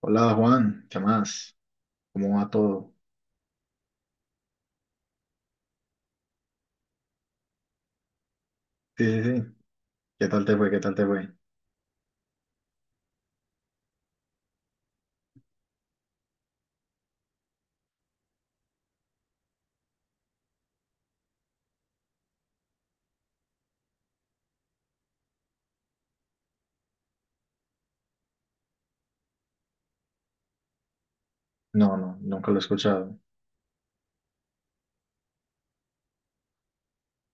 Hola Juan, ¿qué más? ¿Cómo va todo? Sí, sí, sí. ¿Qué tal te fue? ¿Qué tal te fue? No, no, nunca lo he escuchado.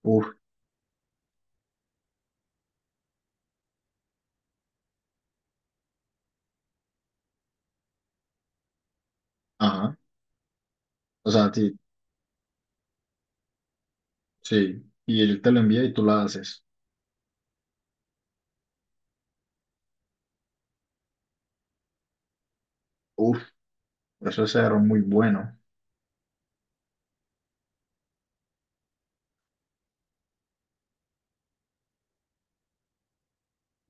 Uf, ajá. O sea, sí, sí. Y él te lo envía y tú la haces. Uf, eso es algo muy bueno.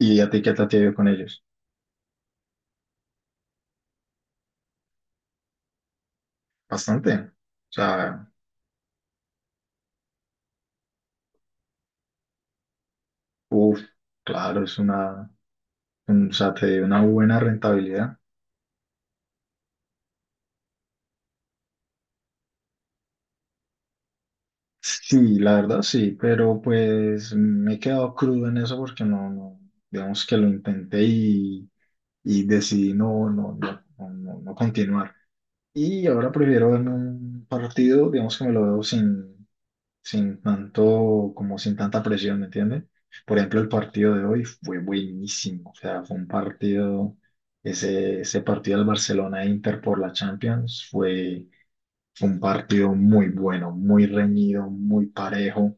¿Y a ti qué tal te ha ido con ellos? Bastante. O sea, uf, claro, es una, o sea, te dio una buena rentabilidad. Sí, la verdad sí, pero pues me he quedado crudo en eso porque no, no, digamos que lo intenté y decidí no, no, no, no, no continuar. Y ahora prefiero verme un partido, digamos que me lo veo sin, sin tanto, como sin tanta presión, ¿me entiendes? Por ejemplo, el partido de hoy fue buenísimo, o sea, fue un partido, ese partido del Barcelona-Inter por la Champions fue, fue un partido muy bueno, muy reñido, muy parejo,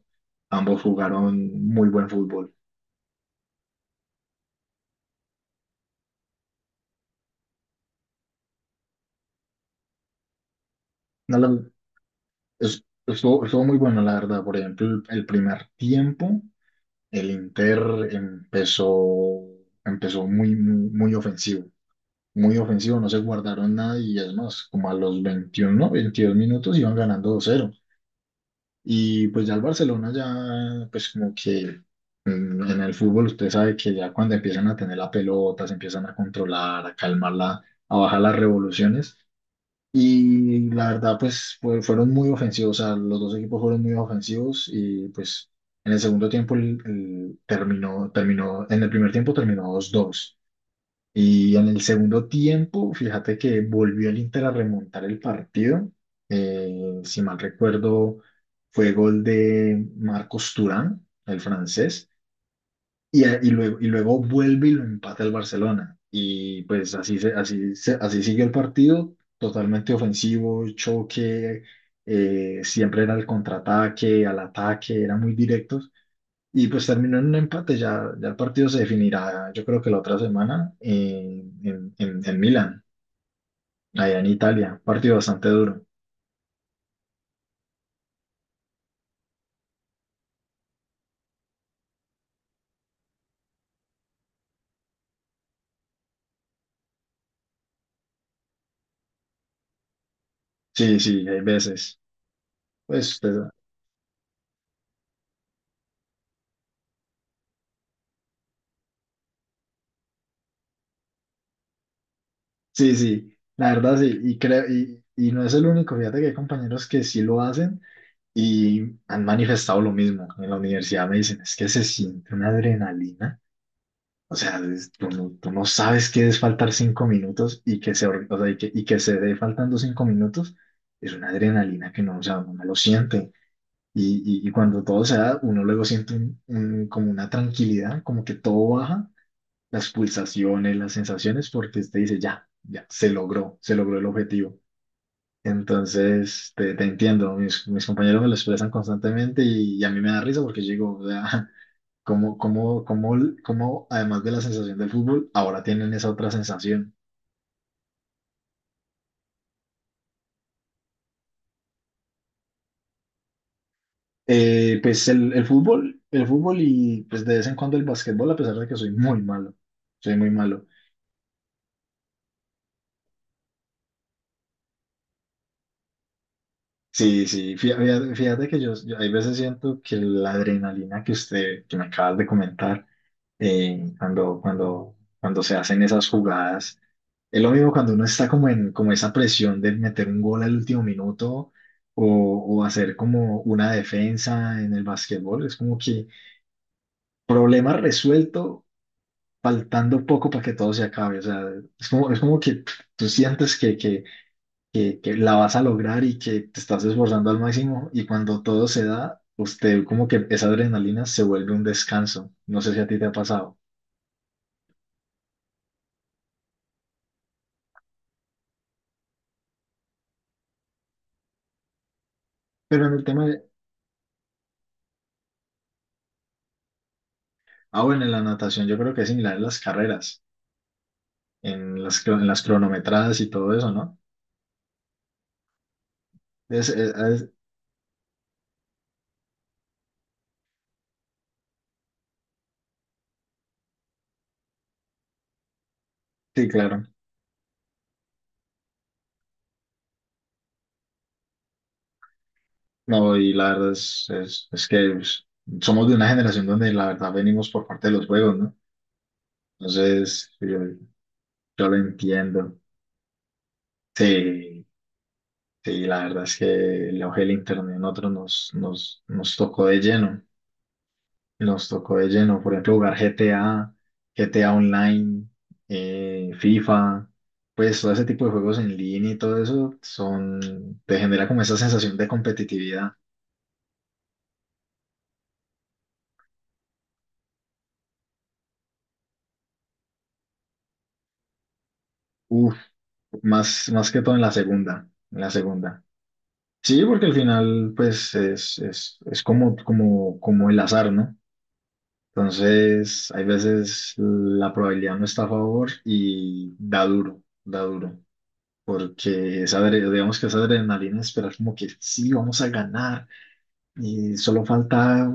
ambos jugaron muy buen fútbol. No, estuvo, estuvo muy bueno, la verdad, por ejemplo, el primer tiempo. El Inter empezó, empezó muy, muy, muy ofensivo, no se guardaron nada y es más, como a los 21, 22 minutos iban ganando 2-0. Y pues ya el Barcelona ya, pues como que en el fútbol usted sabe que ya cuando empiezan a tener la pelota, se empiezan a controlar, a calmarla, a bajar las revoluciones, y la verdad, pues fueron muy ofensivos, o sea, los dos equipos fueron muy ofensivos y pues en el segundo tiempo el terminó, terminó, en el primer tiempo terminó dos dos y en el segundo tiempo, fíjate que volvió el Inter a remontar el partido. Si mal recuerdo, fue gol de Marcos Thuram, el francés, y luego vuelve y lo empata el Barcelona. Y pues así, así, así siguió el partido, totalmente ofensivo, choque, siempre era el contraataque, al ataque, eran muy directos. Y pues terminó en un empate, ya, ya el partido se definirá, yo creo que la otra semana, en Milán, allá en Italia. Partido bastante duro. Sí, sí, hay veces. Pues, pues, sí, sí, la verdad sí, y creo, y no es el único, fíjate que hay compañeros que sí lo hacen y han manifestado lo mismo. En la universidad me dicen, es que se siente una adrenalina. O sea, tú no sabes qué es faltar 5 minutos y que se, o sea, y que se dé faltando 5 minutos. Es una adrenalina que no, o sea, uno no lo siente. Y, y cuando todo se da, uno luego siente como una tranquilidad, como que todo baja, las pulsaciones, las sensaciones, porque usted dice, ya, ya, se logró el objetivo. Entonces, te entiendo, mis, mis compañeros me lo expresan constantemente y a mí me da risa porque yo digo, o sea, ¿cómo, cómo, cómo, cómo, además de la sensación del fútbol, ahora tienen esa otra sensación? Pues el fútbol y pues de vez en cuando el básquetbol, a pesar de que soy muy malo, soy muy malo. Sí, sí, fíjate, fíjate que yo hay veces siento que la adrenalina que usted, que me acabas de comentar, cuando, cuando, cuando se hacen esas jugadas. Es lo mismo cuando uno está como en como esa presión de meter un gol al último minuto o, o hacer como una defensa en el básquetbol. Es como que problema resuelto, faltando poco para que todo se acabe. O sea, es como que tú sientes que la vas a lograr y que te estás esforzando al máximo y cuando todo se da, usted como que esa adrenalina se vuelve un descanso. No sé si a ti te ha pasado. Pero en el tema, ah, bueno, en la natación yo creo que es similar en las carreras, en las, en las cronometradas y todo eso, ¿no? Es, es- es- sí, claro. No, y la verdad es que pues, somos de una generación donde la verdad venimos por parte de los juegos, ¿no? Entonces, yo lo entiendo. Sí, sí, la verdad es que el auge del internet a nosotros nos tocó de lleno. Nos tocó de lleno, por ejemplo, jugar GTA, GTA Online, FIFA, pues todo ese tipo de juegos en línea y todo eso son, te genera como esa sensación de competitividad. Uf, más, más que todo en la segunda, en la segunda. Sí, porque al final, pues, es como, como, como el azar, ¿no? Entonces, hay veces la probabilidad no está a favor y da duro, da duro. Porque esa, digamos que esa adrenalina de esperar como que sí, vamos a ganar y solo falta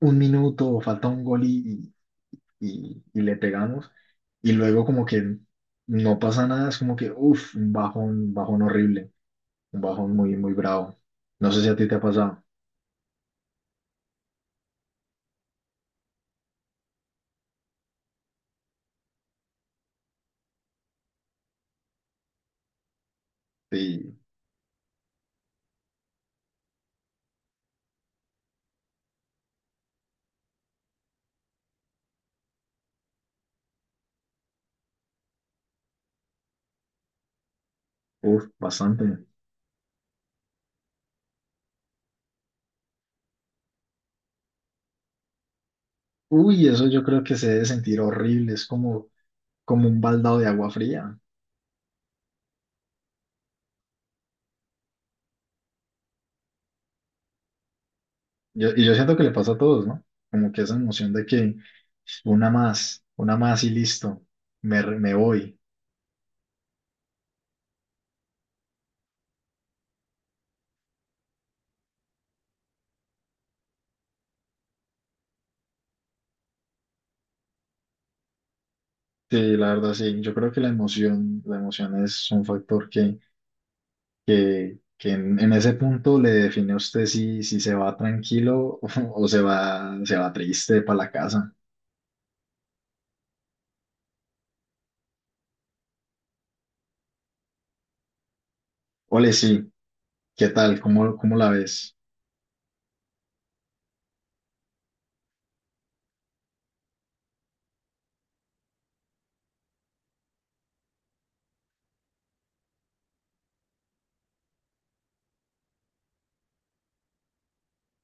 un minuto o falta un gol y, y le pegamos y luego como que no pasa nada, es como que, uff, un bajón horrible, un bajón muy, muy bravo. No sé si a ti te ha pasado, sí, uff, bastante. Uy, eso yo creo que se debe sentir horrible, es como, como un baldado de agua fría. Y yo siento que le pasa a todos, ¿no? Como que esa emoción de que una más y listo, me, me voy. Sí, la verdad, sí. Yo creo que la emoción es un factor que en ese punto le define a usted si, si se va tranquilo o se va triste para la casa. Ole, sí, ¿qué tal? ¿Cómo, cómo la ves?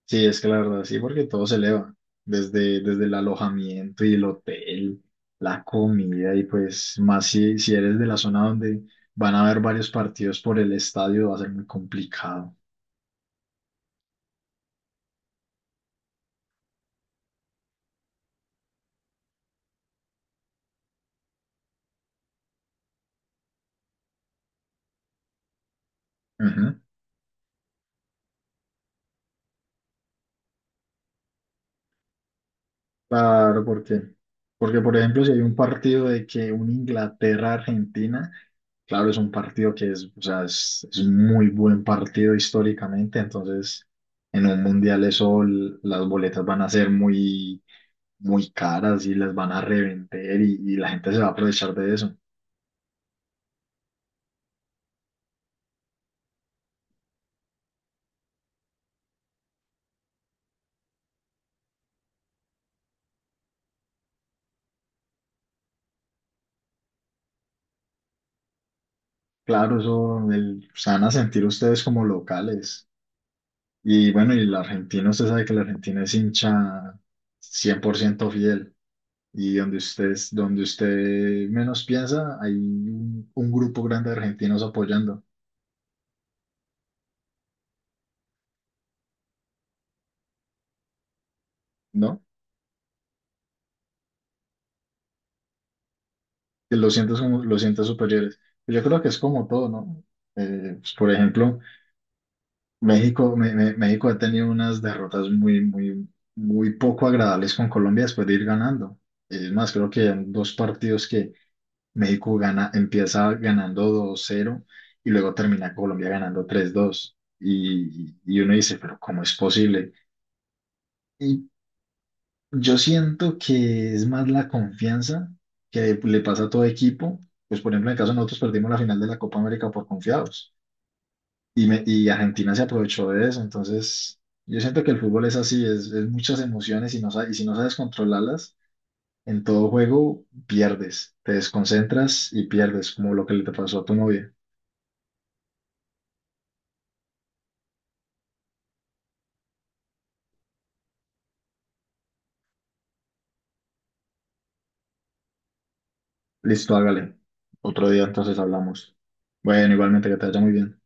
Sí, es que la verdad, sí, porque todo se eleva, desde, desde el alojamiento y el hotel, la comida, y pues más si, si eres de la zona donde van a haber varios partidos por el estadio, va a ser muy complicado. Ujú. Claro, porque, porque por ejemplo, si hay un partido de que un Inglaterra-Argentina, claro, es un partido que es, o sea, es un muy buen partido históricamente, entonces en un mundial eso, las boletas van a ser muy, muy caras y las van a revender y la gente se va a aprovechar de eso. Claro, eso se van a sentir ustedes como locales. Y bueno, y la Argentina, usted sabe que la Argentina es hincha 100% fiel. Y donde ustedes, donde usted menos piensa, hay un grupo grande de argentinos apoyando, ¿no? Que lo sientas como, lo sientas superiores. Yo creo que es como todo, ¿no? Pues, por ejemplo, México, México ha tenido unas derrotas muy, muy, muy poco agradables con Colombia después de ir ganando. Es más, creo que en dos partidos que México gana, empieza ganando 2-0 y luego termina Colombia ganando 3-2. Y uno dice, pero ¿cómo es posible? Y yo siento que es más la confianza que le pasa a todo equipo. Pues, por ejemplo, en el caso de nosotros perdimos la final de la Copa América por confiados y, y Argentina se aprovechó de eso. Entonces, yo siento que el fútbol es así, es muchas emociones y, no, y si no sabes controlarlas, en todo juego pierdes, te desconcentras y pierdes, como lo que le te pasó a tu novia. Listo, hágale. Otro día entonces hablamos. Bueno, igualmente que te vaya muy bien.